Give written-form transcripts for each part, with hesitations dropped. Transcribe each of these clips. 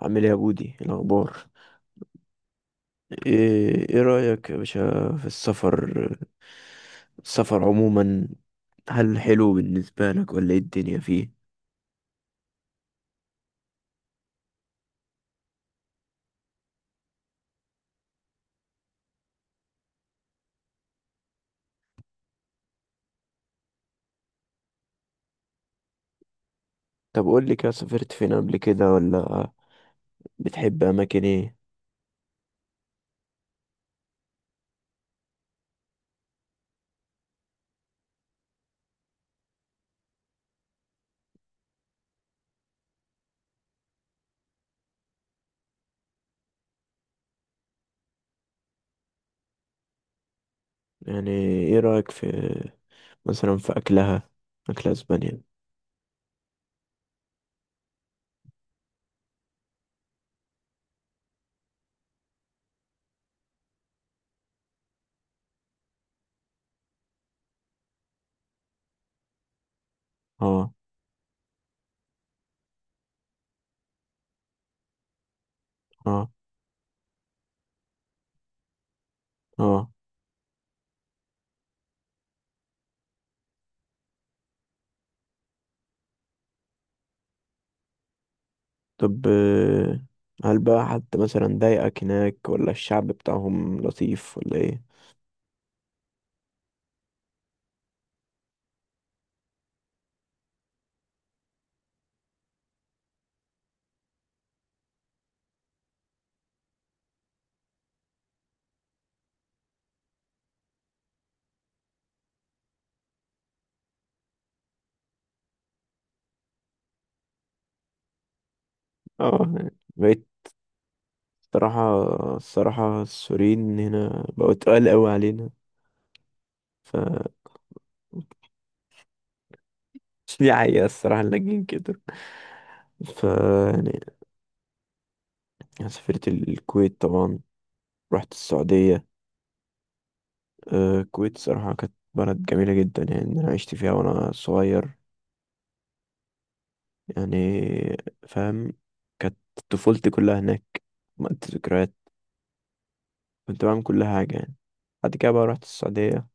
عامل ايه يا بودي؟ إيه الاخبار؟ ايه رايك يا باشا في السفر؟ السفر عموما، هل حلو بالنسبه لك ولا ايه الدنيا فيه؟ طب قول لي كده، سافرت فين قبل كده؟ ولا بتحب اماكن ايه؟ يعني ايه رايك في، مثلا في اكلها، اكل اسبانيا؟ اه. اه. اه. طب. هل بقى حد مثلا ضايقك هناك ولا الشعب بتاعهم لطيف ولا ايه؟ اه، بقيت. صراحة، الصراحة السوريين هنا بقوا تقال قوي علينا. ف مش دي حقيقة، الصراحة اللاجئين كده. ف، يعني أنا سافرت الكويت طبعا. رحت السعودية. الكويت صراحة كانت بلد جميلة جدا، يعني أنا عشت فيها وأنا صغير. يعني فاهم، كانت طفولتي كلها هناك. عملت ذكريات، كنت بعمل كل حاجة يعني. بعد كده بقى رحت السعودية،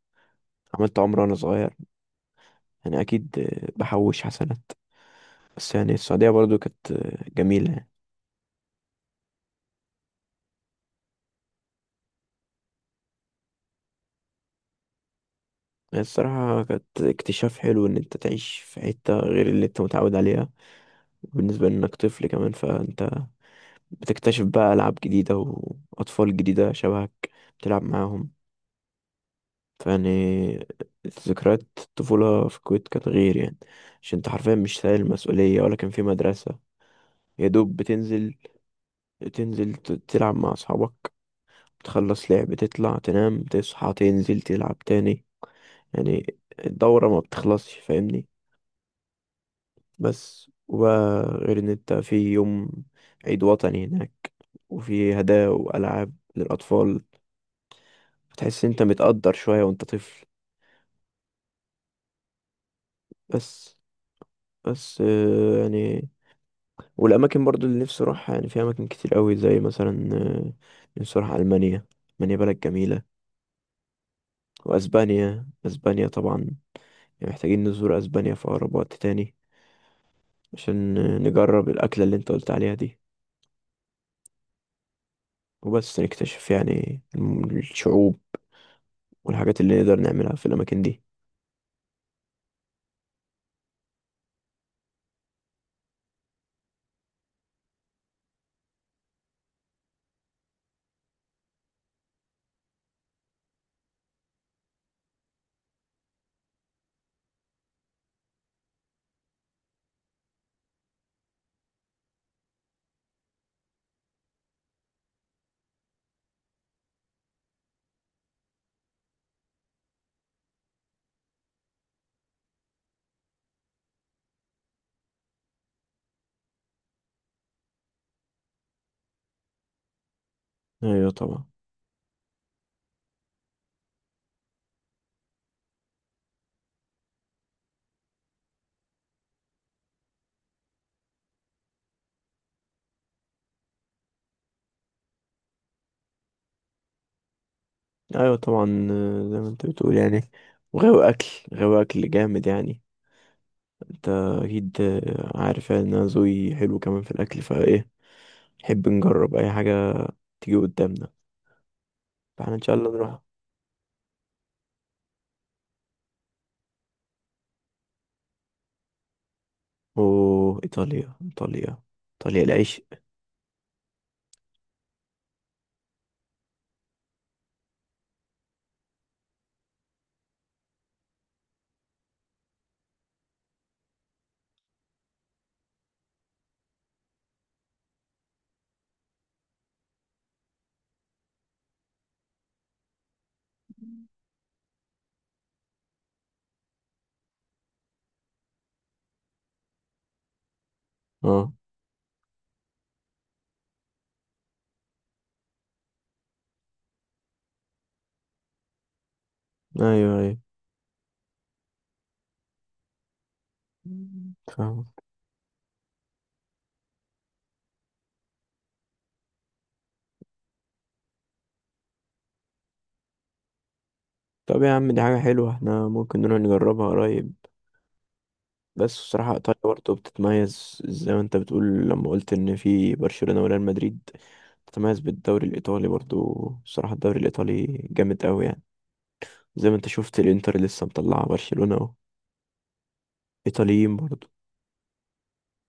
عملت عمرة وأنا صغير. يعني أكيد بحوش حسنات. بس يعني السعودية برضو كانت جميلة يعني. هي الصراحة كانت اكتشاف حلو إن أنت تعيش في حتة غير اللي أنت متعود عليها. بالنسبة لإنك طفل كمان، فأنت بتكتشف بقى ألعاب جديدة وأطفال جديدة شبهك، بتلعب معاهم. فيعني ذكريات الطفولة في الكويت كانت غير يعني. عشان أنت حرفيا مش شايل مسؤولية ولا كان في مدرسة. يا دوب بتنزل، تنزل تلعب مع أصحابك، تخلص لعب، تطلع تنام، تصحى تنزل تلعب تاني. يعني الدورة ما بتخلصش فاهمني. بس وبقى غير ان انت في يوم عيد وطني هناك، وفي هدايا وألعاب للأطفال، بتحس انت متقدر شوية وانت طفل. بس، بس يعني والأماكن برضو اللي نفسي أروحها. يعني في أماكن كتير قوي زي مثلا نفسي أروح ألمانيا. ألمانيا بلد جميلة. وأسبانيا، أسبانيا طبعا، يعني محتاجين نزور أسبانيا في أقرب وقت تاني، عشان نجرب الأكلة اللي انت قلت عليها دي، وبس نكتشف يعني الشعوب والحاجات اللي نقدر نعملها في الأماكن دي. أيوة طبعا. أيوة طبعا زي ما أنت بتقول يعني. وغاوي أكل، غاوي أكل جامد يعني. أنت أكيد عارف يعني إن أنا ذوقي حلو كمان في الأكل، فإيه نحب نجرب أي حاجة تيجي قدامنا. فإحنا إن شاء الله نروح. أوه، إيطاليا! إيطاليا! إيطاليا العيش. أه. أيوة، أيوة، فاهم. طب يا عم، دي حاجة حلوة، إحنا ممكن نروح نجربها قريب. بس بصراحة إيطاليا برضه بتتميز، زي ما أنت بتقول لما قلت إن في برشلونة وريال مدريد، بتتميز بالدوري الإيطالي برضه. بصراحة الدوري الإيطالي جامد أوي يعني. زي ما أنت شفت الإنتر لسه مطلعة برشلونة أهو، إيطاليين برضه.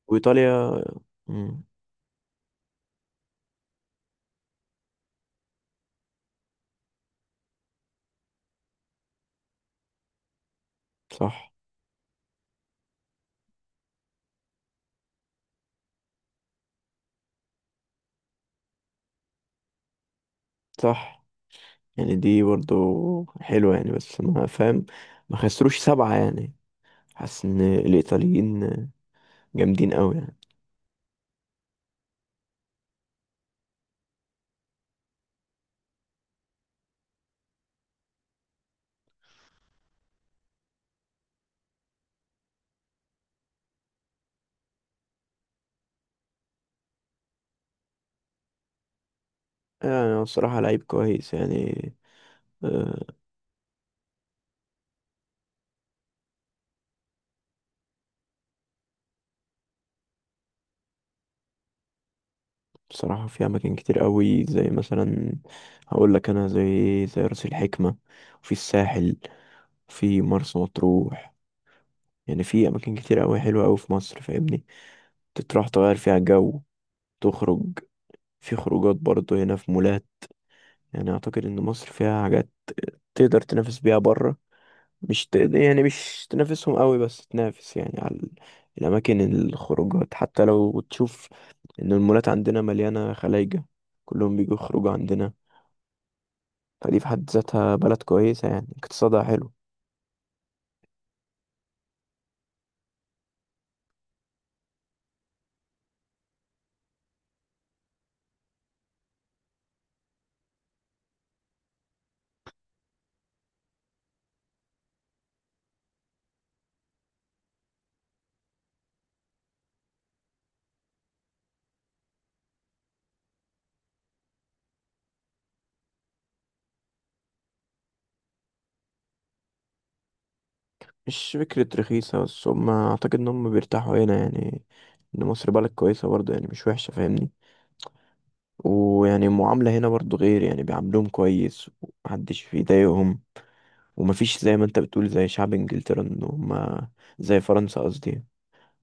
وإيطاليا. مم. صح. صح. يعني دي برضه حلوة يعني، بس ما فاهم، ما خسروش سبعة يعني. حاسس إن الإيطاليين جامدين أوي يعني. يعني هو بصراحة لعيب كويس يعني. آه، بصراحة في أماكن كتير قوي زي مثلا، هقول لك أنا، زي رأس الحكمة، وفي الساحل، في مرسى مطروح. يعني في أماكن كتير قوي حلوة قوي في مصر فاهمني. تروح تغير فيها جو، تخرج. في خروجات برضه هنا في مولات. يعني أعتقد إن مصر فيها حاجات تقدر تنافس بيها بره. مش تقدر، يعني مش تنافسهم قوي، بس تنافس يعني على الأماكن، الخروجات. حتى لو تشوف إن المولات عندنا مليانة خلايجة، كلهم بيجوا يخرجوا عندنا. فدي في حد ذاتها بلد كويسة يعني، اقتصادها حلو. مش فكرة رخيصة بس، هم أعتقد إن هم بيرتاحوا هنا يعني. إن مصر بلد كويسة برضه يعني، مش وحشة فاهمني. ويعني المعاملة هنا برضه غير يعني، بيعاملوهم كويس ومحدش بيضايقهم. ومفيش زي ما أنت بتقول زي شعب إنجلترا إن هم، زي فرنسا قصدي،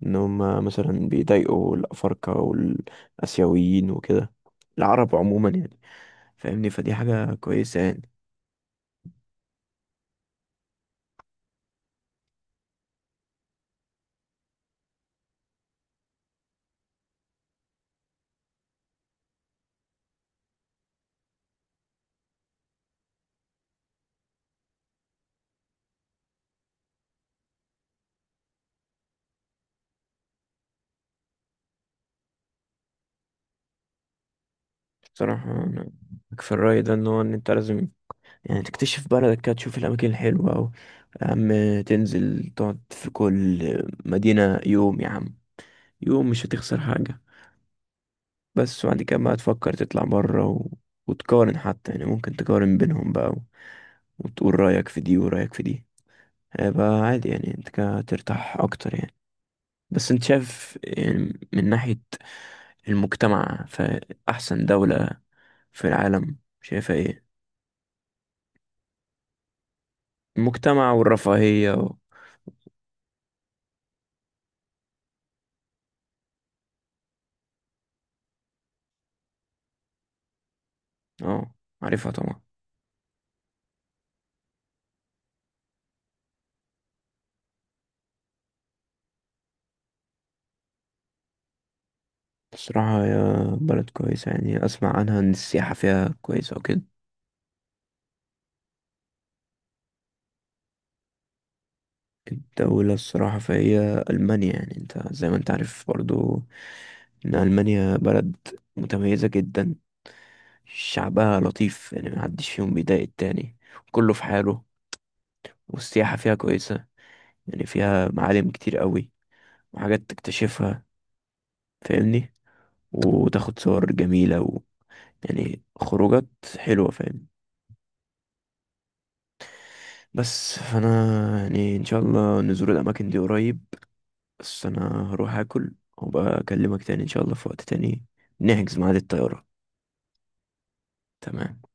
إن هم مثلا بيضايقوا الأفارقة والآسيويين وكده، العرب عموما يعني فاهمني. فدي حاجة كويسة يعني. بصراحة أنا، في الرأي ده، إن هو إن أنت لازم يعني تكتشف بلدك كده، تشوف الأماكن الحلوة. أو يا عم تنزل تقعد في كل مدينة يوم، يا عم يوم مش هتخسر حاجة. بس وبعد كده بقى تفكر تطلع برا، و... وتقارن حتى، يعني ممكن تقارن بينهم بقى، و... وتقول رأيك في دي ورأيك في دي. هيبقى عادي يعني، انت كده ترتاح أكتر يعني. بس انت شايف يعني من ناحية المجتمع، فأحسن دولة في العالم شايفها ايه؟ المجتمع والرفاهية و... اه، عارفها طبعا. الصراحة هي بلد كويسة يعني، أسمع عنها إن السياحة فيها كويسة وكده. الدولة الصراحة فهي ألمانيا. يعني أنت زي ما أنت عارف برضو إن ألمانيا بلد متميزة جدا. شعبها لطيف يعني، محدش فيهم بيضايق التاني، كله في حاله. والسياحة فيها كويسة، يعني فيها معالم كتير قوي وحاجات تكتشفها فاهمني، وتاخد صور جميلة و... يعني خروجات حلوة فاهم. بس فانا يعني ان شاء الله نزور الاماكن دي قريب. بس انا هروح اكل وبقى اكلمك تاني ان شاء الله في وقت تاني، نحجز ميعاد الطيارة. تمام.